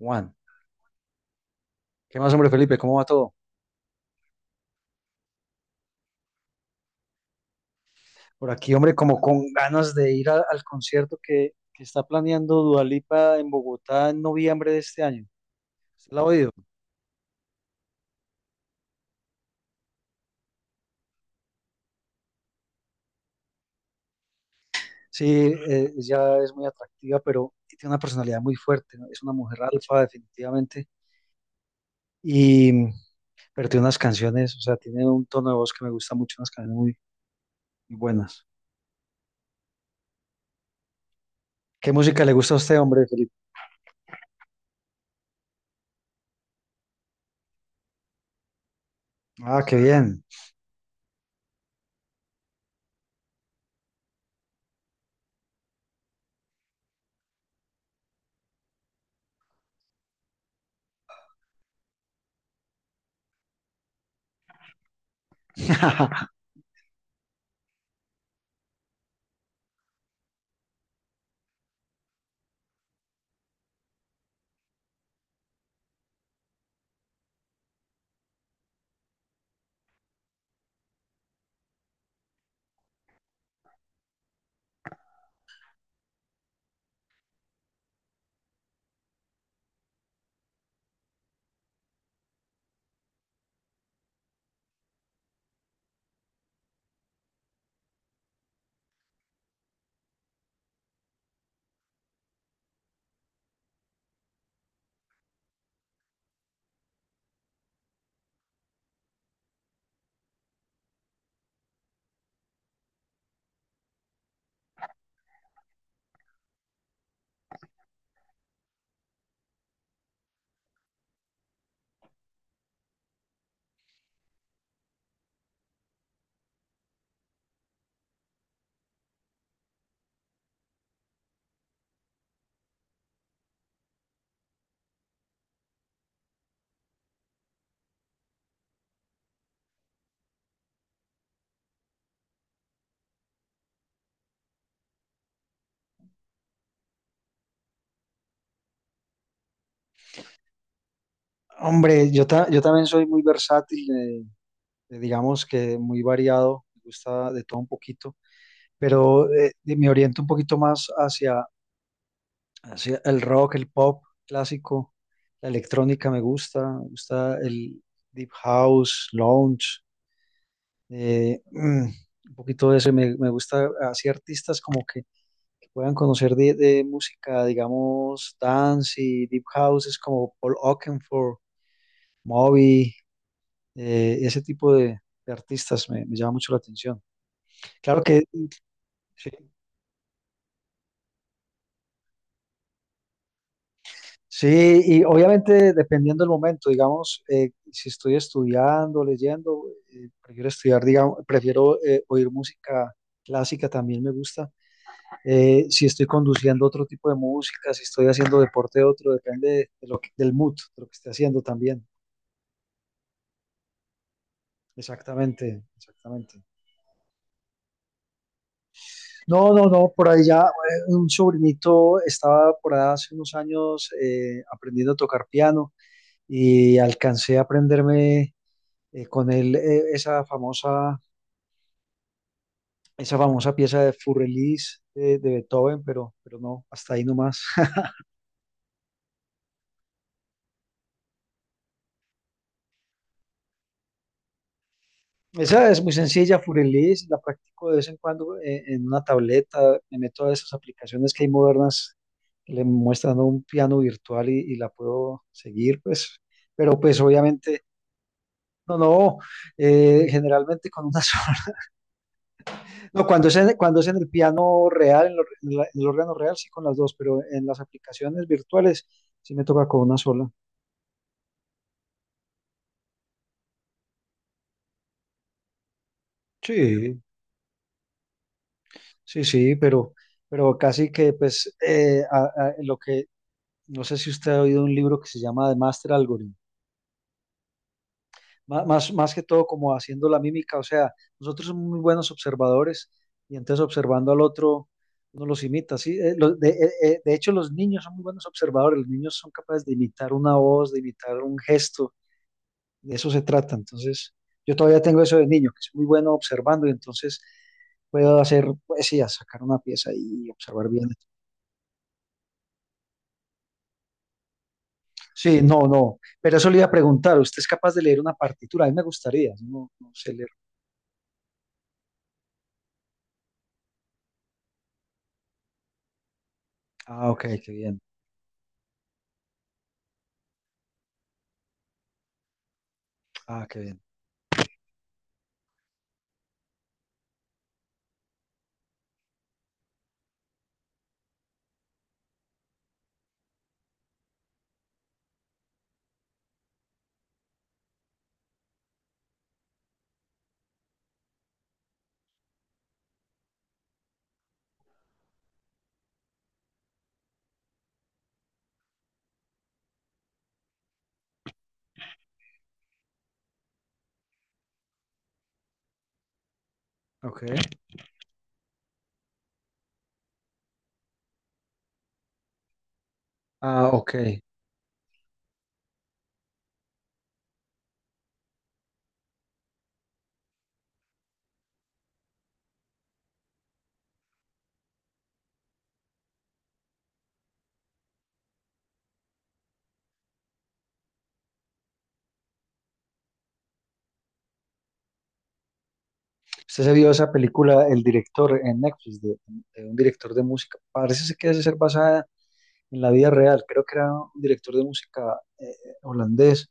Juan, ¿qué más, hombre, Felipe? ¿Cómo va todo? Por aquí, hombre, como con ganas de ir al concierto que está planeando Dua Lipa en Bogotá en noviembre de este año. ¿Usted la ha oído? Sí, ella es muy atractiva, pero tiene una personalidad muy fuerte, ¿no? Es una mujer alfa, definitivamente. Y, pero tiene unas canciones, o sea, tiene un tono de voz que me gusta mucho, muy buenas. ¿Qué música le gusta a usted, hombre, Felipe? Ah, qué bien. Hombre, yo también soy muy versátil. Digamos que muy variado, me gusta de todo un poquito, pero me oriento un poquito más hacia el rock, el pop clásico, la electrónica me gusta el deep house, lounge, eh, mm, un poquito de ese, me gusta así artistas que puedan conocer de música, digamos, dance y deep house, es como Paul Oakenfold, Moby, ese tipo de artistas me llama mucho la atención. Claro que sí. Sí, y obviamente dependiendo del momento, digamos, si estoy estudiando, leyendo, prefiero estudiar, digamos, prefiero oír música clásica, también me gusta. Si estoy conduciendo otro tipo de música, si estoy haciendo deporte otro, depende lo del mood, de lo que esté haciendo también. Exactamente, exactamente. No, no, no, por ahí ya un sobrinito estaba por ahí hace unos años aprendiendo a tocar piano y alcancé a aprenderme con él esa famosa pieza de Furrelis de Beethoven, pero no, hasta ahí nomás. Esa es muy sencilla, Furrelis, la practico de vez en cuando en una tableta, me meto a esas aplicaciones que hay modernas que le muestran un piano virtual y la puedo seguir, pues, pero pues obviamente... No, no, generalmente con una sola. No, cuando es en el piano real, en, lo- en la- en el órgano real, sí con las dos, pero en las aplicaciones virtuales sí me toca con una sola. Sí, sí, sí, pero casi que, pues, lo que, no sé si usted ha oído un libro que se llama The Master Algorithm. Más, más que todo como haciendo la mímica, o sea, nosotros somos muy buenos observadores y entonces observando al otro, uno los imita, sí. De hecho los niños son muy buenos observadores, los niños son capaces de imitar una voz, de imitar un gesto, de eso se trata, entonces yo todavía tengo eso de niño, que es muy bueno observando y entonces puedo hacer poesía, sacar una pieza y observar bien. Sí, no, no. Pero eso le iba a preguntar, ¿usted es capaz de leer una partitura? A mí me gustaría, yo no, no sé leer. Ah, ok, qué bien. Ah, qué bien. Ok. Ah, ok. ¿Usted se vio esa película, El director en Netflix, de un director de música? Parece ser que debe ser basada en la vida real. Creo que era un director de música holandés,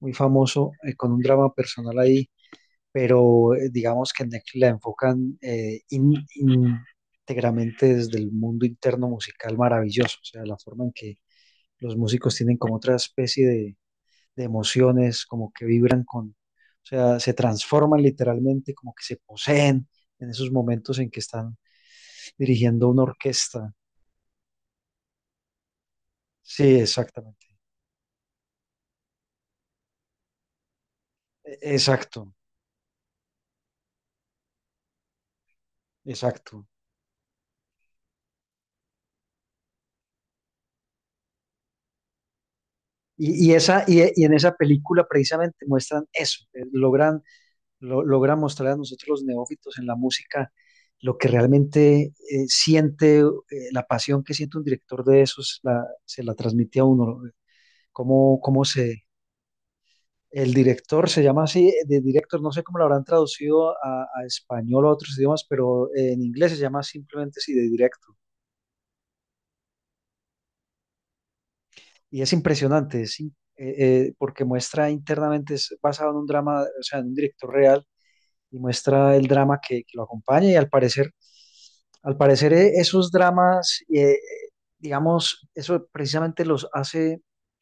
muy famoso, con un drama personal ahí. Pero digamos que en Netflix la enfocan íntegramente desde el mundo interno musical maravilloso, o sea, la forma en que los músicos tienen como otra especie de emociones, como que vibran con, o sea, se transforman literalmente, como que se poseen en esos momentos en que están dirigiendo una orquesta. Sí, exactamente. Exacto, exacto. Y en esa película precisamente muestran eso, logra mostrar a nosotros los neófitos en la música lo que realmente siente, la pasión que siente un director de esos, se la transmite a uno. Eh, ¿Cómo, cómo se, el director se llama así, de director, no sé cómo lo habrán traducido a español o a otros idiomas, pero en inglés se llama simplemente así, de directo. Y es impresionante, porque muestra internamente, es basado en un drama, o sea, en un director real y muestra el drama que lo acompaña y al parecer esos dramas, digamos, eso precisamente los hace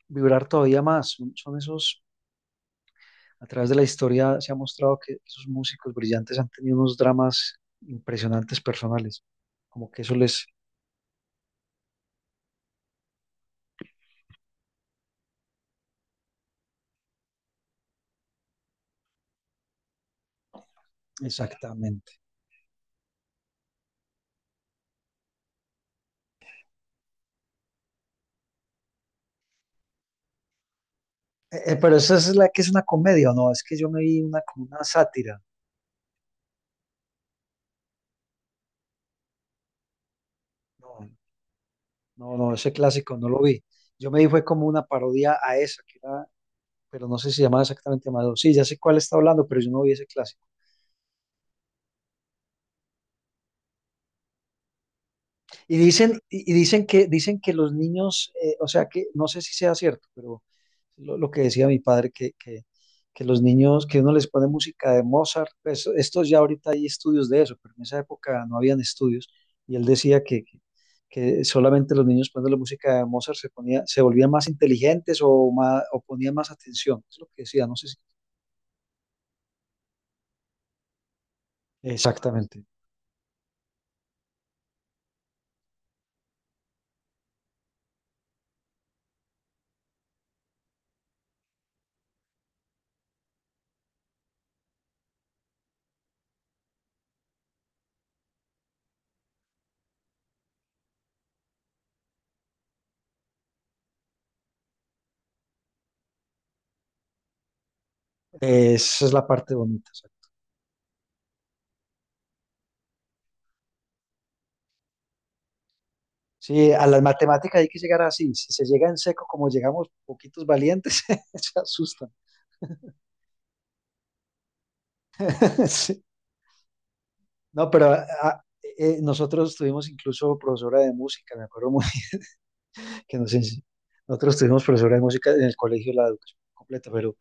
vibrar todavía más. Son, son esos, a través de la historia se ha mostrado que esos músicos brillantes han tenido unos dramas impresionantes personales, como que eso les... Exactamente. Pero esa es la que es una comedia, ¿o no? Es que yo me vi una, como una sátira. No, no, no, ese clásico no lo vi. Yo me vi fue como una parodia a esa, que era pero no sé si llamaba exactamente Amadeo. Sí, ya sé cuál está hablando, pero yo no vi ese clásico. Y dicen que los niños, o sea que, no sé si sea cierto, pero lo que decía mi padre, que los niños, que uno les pone música de Mozart, pues, estos ya ahorita hay estudios de eso, pero en esa época no habían estudios, y él decía que solamente los niños poniendo la música de Mozart ponía, se volvían más inteligentes o más, o ponían más atención, es lo que decía, no sé si... Exactamente, esa es la parte bonita. Sí, a las matemáticas hay que llegar así. Si se llega en seco, como llegamos poquitos valientes, se asustan. Sí. No, pero nosotros tuvimos incluso profesora de música, me acuerdo muy que nos ense- nosotros tuvimos profesora de música en el colegio la educación completa, pero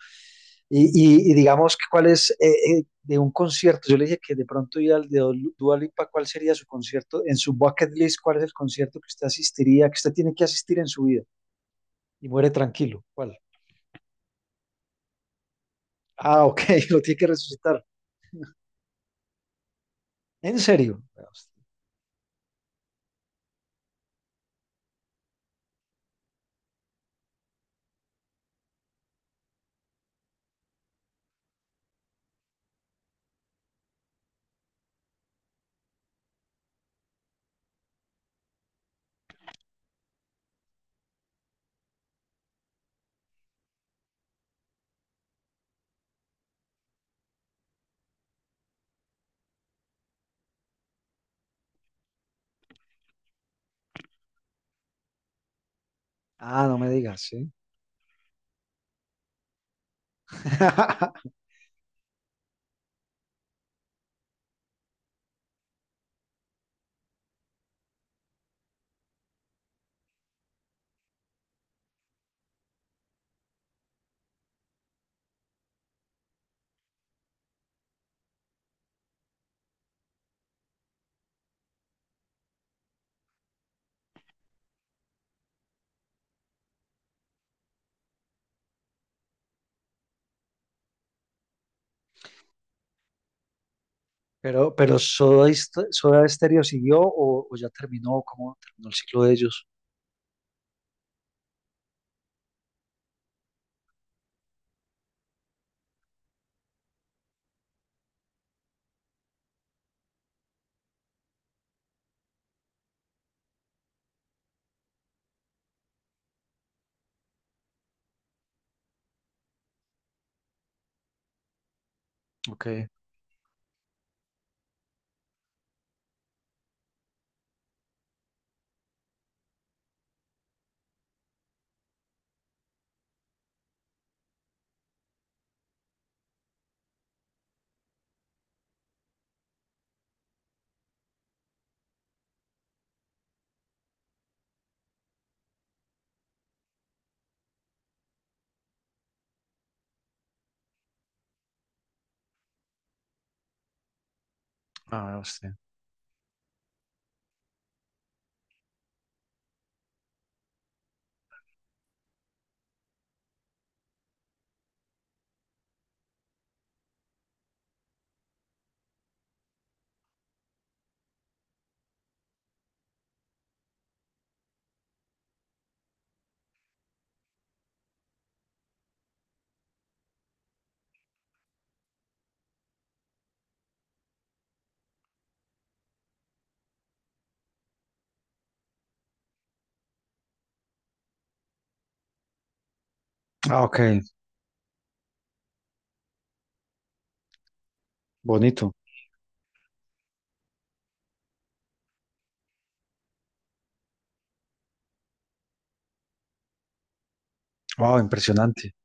y, y digamos que cuál es de un concierto. Yo le dije que de pronto ir al Dua Lipa, ¿cuál sería su concierto? En su bucket list, ¿cuál es el concierto que usted asistiría, que usted tiene que asistir en su vida? Y muere tranquilo. ¿Cuál? Ah, ok, lo tiene que resucitar. ¿En serio? Ah, no me digas, sí. Pero Soda Stereo siguió o ya terminó, ¿cómo terminó el ciclo de ellos? Ok. Ah, sí. Ah, ok. Bonito. Wow, impresionante.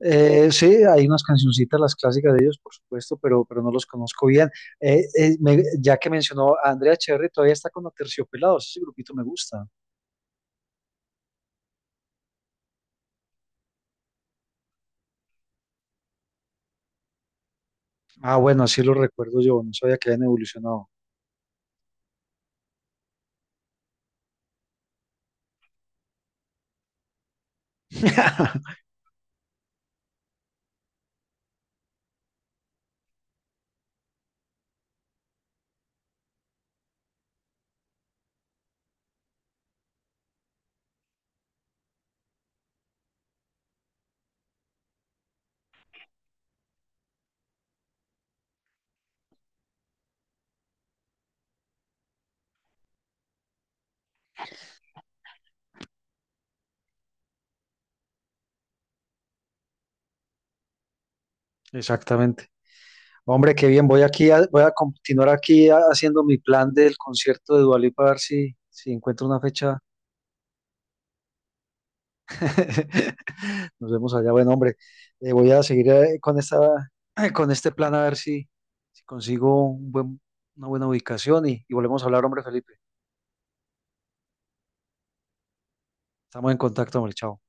Sí, hay unas cancioncitas, las clásicas de ellos, por supuesto, pero no los conozco bien. Ya que mencionó a Andrea Cherry, todavía está con Aterciopelados. Ese grupito me gusta. Ah, bueno, así lo recuerdo yo. No sabía que habían evolucionado. Exactamente. Hombre, qué bien, voy voy a continuar haciendo mi plan del concierto de Dua Lipa, a ver si, si encuentro una fecha. Nos vemos allá. Bueno, hombre, voy a seguir con esta, con este plan a ver si, si consigo una buena ubicación y volvemos a hablar, hombre Felipe. Estamos en contacto, hombre, chao.